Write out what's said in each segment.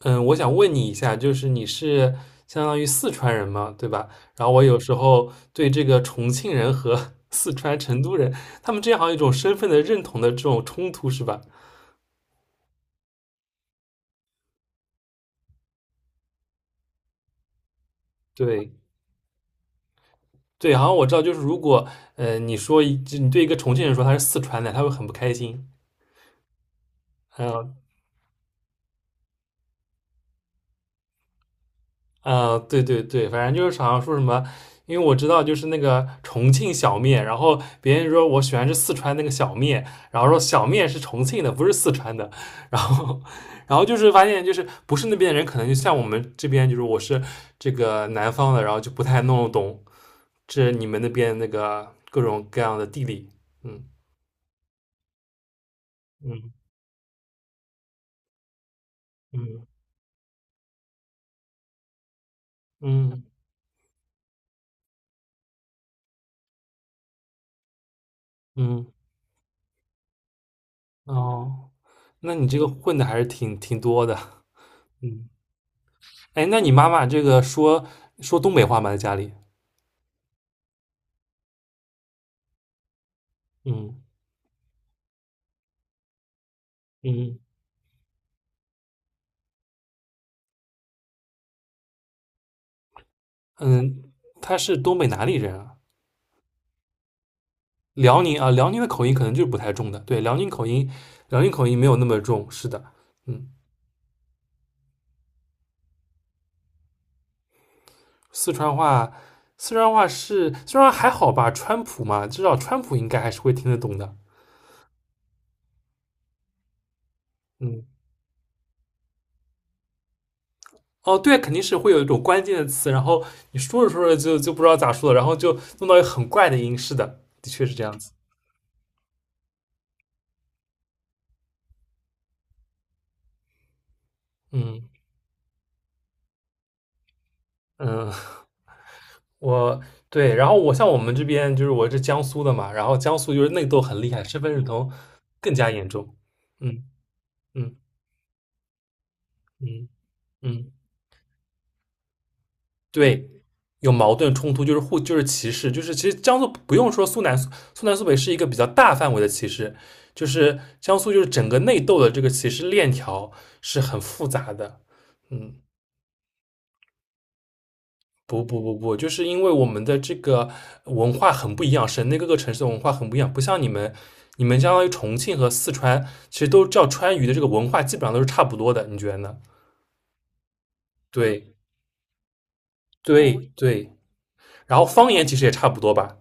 嗯，我想问你一下，就是你是相当于四川人嘛，对吧？然后我有时候对这个重庆人和 四川成都人，他们之间好像有一种身份的认同的这种冲突，是吧？对对，好像我知道，就是如果你对一个重庆人说他是四川的，他会很不开心。嗯，啊、对对对，反正就是好像说什么，因为我知道就是那个重庆小面，然后别人说我喜欢吃四川那个小面，然后说小面是重庆的，不是四川的，然后然后就是发现就是不是那边的人，可能就像我们这边就是我是这个南方的，然后就不太弄得懂这你们那边那个各种各样的地理，嗯嗯嗯嗯嗯，哦，那你这个混的还是挺多的，嗯。哎，那你妈妈这个说东北话吗？在家里？嗯嗯嗯，她是东北哪里人啊？辽宁啊，辽宁的口音可能就是不太重的。对，辽宁口音，辽宁口音没有那么重。是的，嗯，四川话，四川话是虽然还好吧？川普嘛，至少川普应该还是会听得懂的。嗯，哦，对，肯定是会有一种关键的词，然后你说着说着就不知道咋说了，然后就弄到一个很怪的音。是的，的确是这样子。嗯嗯。我对，然后我像我们这边就是我是江苏的嘛，然后江苏就是内斗很厉害，身份认同更加严重。嗯嗯嗯嗯，对，有矛盾冲突就是互就是歧视，就是其实江苏不用说苏南苏南苏北是一个比较大范围的歧视，就是江苏就是整个内斗的这个歧视链条是很复杂的。嗯。不不不不，就是因为我们的这个文化很不一样，省内各个城市的文化很不一样，不像你们，你们相当于重庆和四川，其实都叫川渝的这个文化基本上都是差不多的，你觉得呢？对对对，然后方言其实也差不多吧，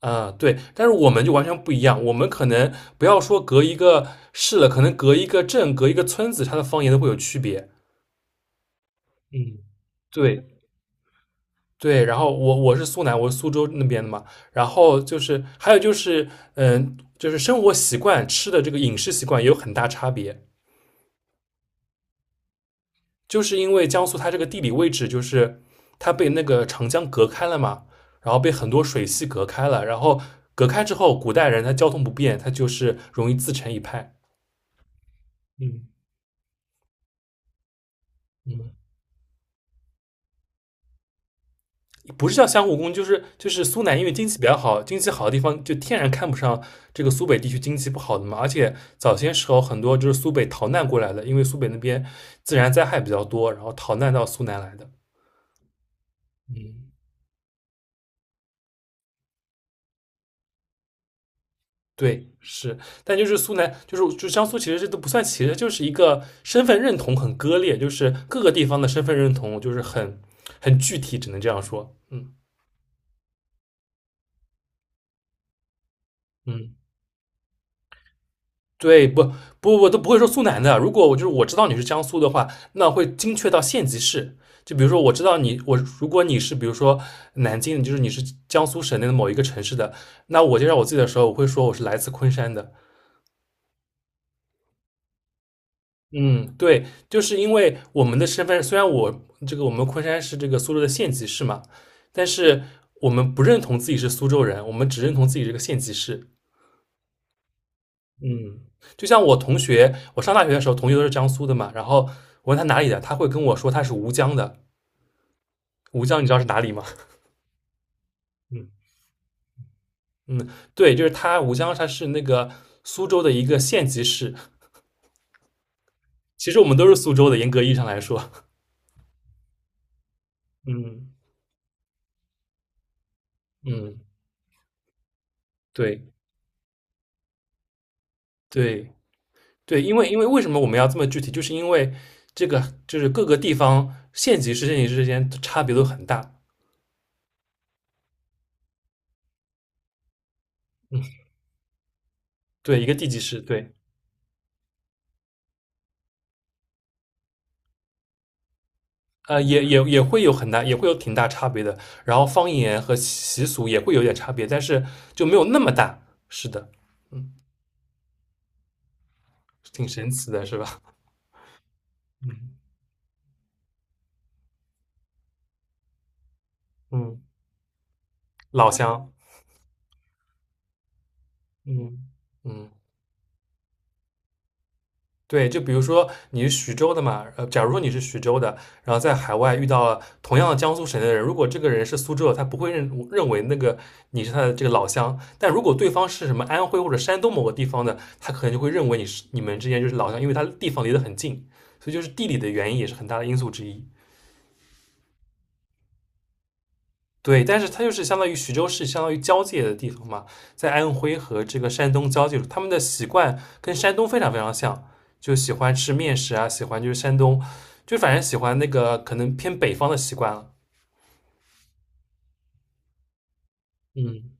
啊、对，但是我们就完全不一样，我们可能不要说隔一个市了，可能隔一个镇、隔一个村子，它的方言都会有区别。嗯，对。对，然后我是苏南，我是苏州那边的嘛，然后就是还有就是，嗯，就是生活习惯、吃的这个饮食习惯也有很大差别，就是因为江苏它这个地理位置，就是它被那个长江隔开了嘛，然后被很多水系隔开了，然后隔开之后，古代人他交通不便，他就是容易自成一派。嗯嗯，不是叫相互攻，就是苏南因为经济比较好，经济好的地方就天然看不上这个苏北地区经济不好的嘛。而且早些时候很多就是苏北逃难过来的，因为苏北那边自然灾害比较多，然后逃难到苏南来的。嗯，对，是。但就是苏南，就是就江苏，其实这都不算歧视，就是一个身份认同很割裂，就是各个地方的身份认同就是很具体，只能这样说。嗯嗯。对，不，我都不会说苏南的。如果我就是我知道你是江苏的话，那会精确到县级市。就比如说，我知道你，我如果你是比如说南京，就是你是江苏省内的某一个城市的，那我介绍我自己的时候，我会说我是来自昆山的。嗯，对，就是因为我们的身份，虽然我这个我们昆山是这个苏州的县级市嘛，但是我们不认同自己是苏州人，我们只认同自己这个县级市。嗯，就像我同学，我上大学的时候，同学都是江苏的嘛，然后我问他哪里的，他会跟我说他是吴江的。吴江你知道是哪里吗？嗯嗯，对，就是他，吴江他是那个苏州的一个县级市。其实我们都是苏州的，严格意义上来说，嗯嗯，对对对，因为为什么我们要这么具体，就是因为这个就是各个地方县级市、县级市之间差别都很大。对，一个地级市，对，呃，也会有很大，也会有挺大差别的。然后方言和习俗也会有点差别，但是就没有那么大。是的，嗯，挺神奇的，是吧？嗯嗯，老乡，嗯嗯。对，就比如说你是徐州的嘛，呃，假如说你是徐州的，然后在海外遇到了同样的江苏省的人，如果这个人是苏州的，他不会认认为那个你是他的这个老乡，但如果对方是什么安徽或者山东某个地方的，他可能就会认为你是你们之间就是老乡，因为他地方离得很近，所以就是地理的原因也是很大的因素之一。对，但是它就是相当于徐州市，相当于交界的地方嘛，在安徽和这个山东交界处，他们的习惯跟山东非常非常像，就喜欢吃面食啊，喜欢就是山东，就反正喜欢那个可能偏北方的习惯了。嗯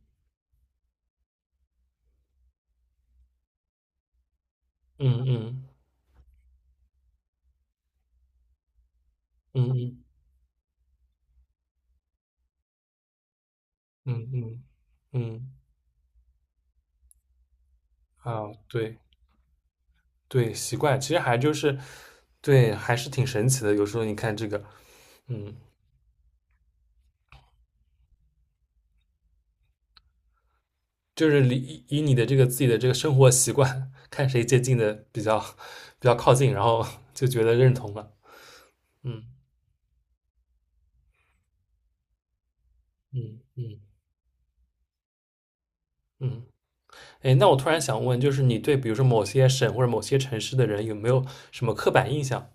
嗯嗯嗯嗯嗯嗯嗯啊，对对，习惯其实还就是对，还是挺神奇的。有时候你看这个，嗯。就是以你的这个自己的这个生活习惯，看谁接近的比较靠近，然后 就觉得认同了。嗯嗯嗯嗯。哎，那我突然想问，就是你对比如说某些省或者某些城市的人有没有什么刻板印象？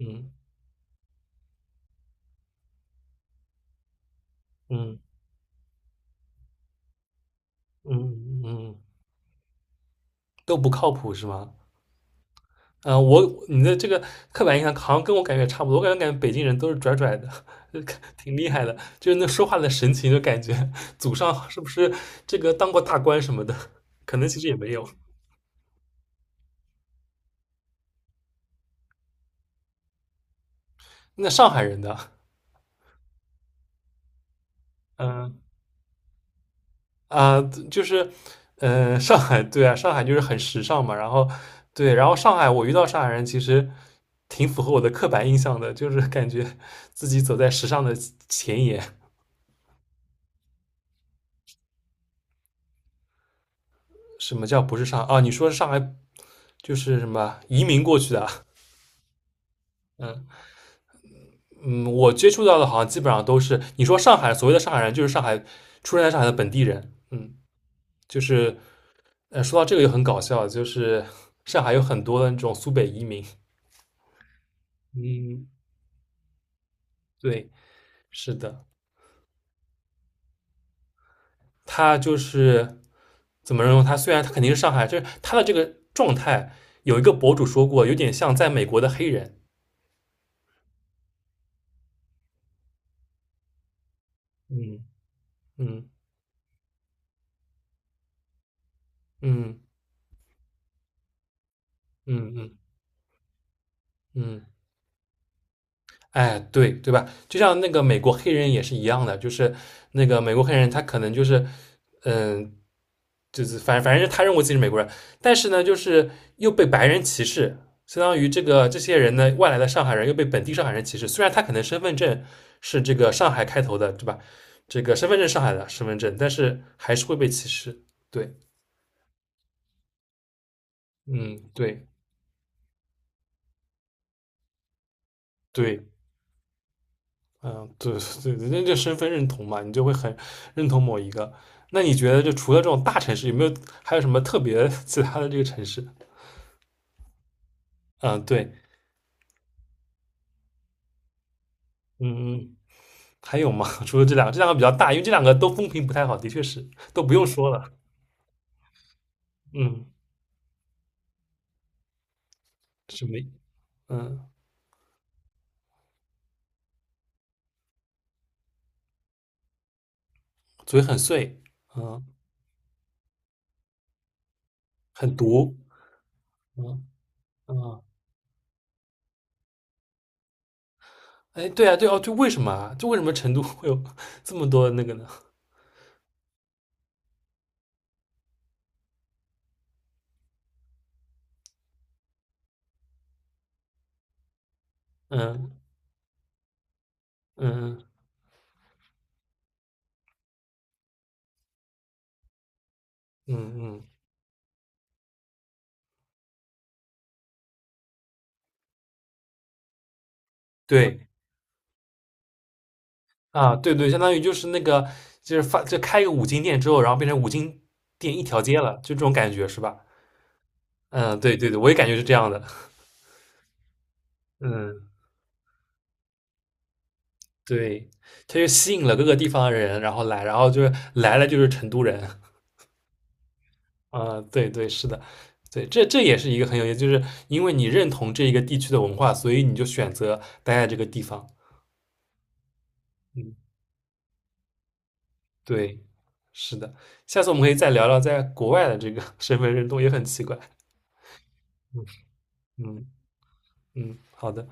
嗯嗯嗯嗯，嗯都不靠谱是吗？啊、我你的这个刻板印象好像跟我感觉差不多，我感觉北京人都是拽拽的，挺厉害的，就是那说话的神情，就感觉祖上是不是这个当过大官什么的，可能其实也没有。那上海人的，嗯、啊，就是上海对啊，上海就是很时尚嘛，然后对，然后上海我遇到上海人其实挺符合我的刻板印象的，就是感觉自己走在时尚的前沿，什么叫不是上海啊？你说上海就是什么移民过去的啊嗯，我接触到的好像基本上都是你说上海所谓的上海人，就是上海出生在上海的本地人。嗯，就是说到这个就很搞笑，就是上海有很多的那种苏北移民。嗯，对，是的，他就是怎么认为？他虽然他肯定是上海，就是他的这个状态，有一个博主说过，有点像在美国的黑人。嗯嗯嗯嗯嗯嗯。嗯嗯哎，对对吧？就像那个美国黑人也是一样的，就是那个美国黑人，他可能就是，嗯，就是反正他认为自己是美国人，但是呢，就是又被白人歧视，相当于这个这些人呢，外来的上海人又被本地上海人歧视。虽然他可能身份证是这个上海开头的，对吧？这个身份证上海的身份证，但是还是会被歧视。对，嗯，对对，嗯，对对 对，人家这身份认同嘛，你就会很认同某一个。那你觉得，就除了这种大城市，有没有还有什么特别 其他的这个城市？嗯，对，嗯嗯，还有吗？除了这两个，这两个比较大，因为这两个都风评不太好，的确是都不用说了。嗯，什么？嗯，嘴很碎，嗯，很毒，嗯嗯，哎，对啊，对哦，就为什么啊？就为什么成都会有 这么多那个呢？嗯嗯嗯嗯，对。啊，对对，相当于就是那个，就是发，就开一个五金店之后，然后变成五金店一条街了，就这种感觉是吧？嗯，对对对，我也感觉是这样的。嗯，对，它就吸引了各个地方的人，然后来，然后就是来了就是成都人。啊，对对，是的，对，这这也是一个很有意思，就是因为你认同这一个地区的文化，所以你就选择待在这个地方。嗯，对，是的，下次我们可以再聊聊在国外的这个 身份认同，也很奇怪。嗯嗯嗯，好的。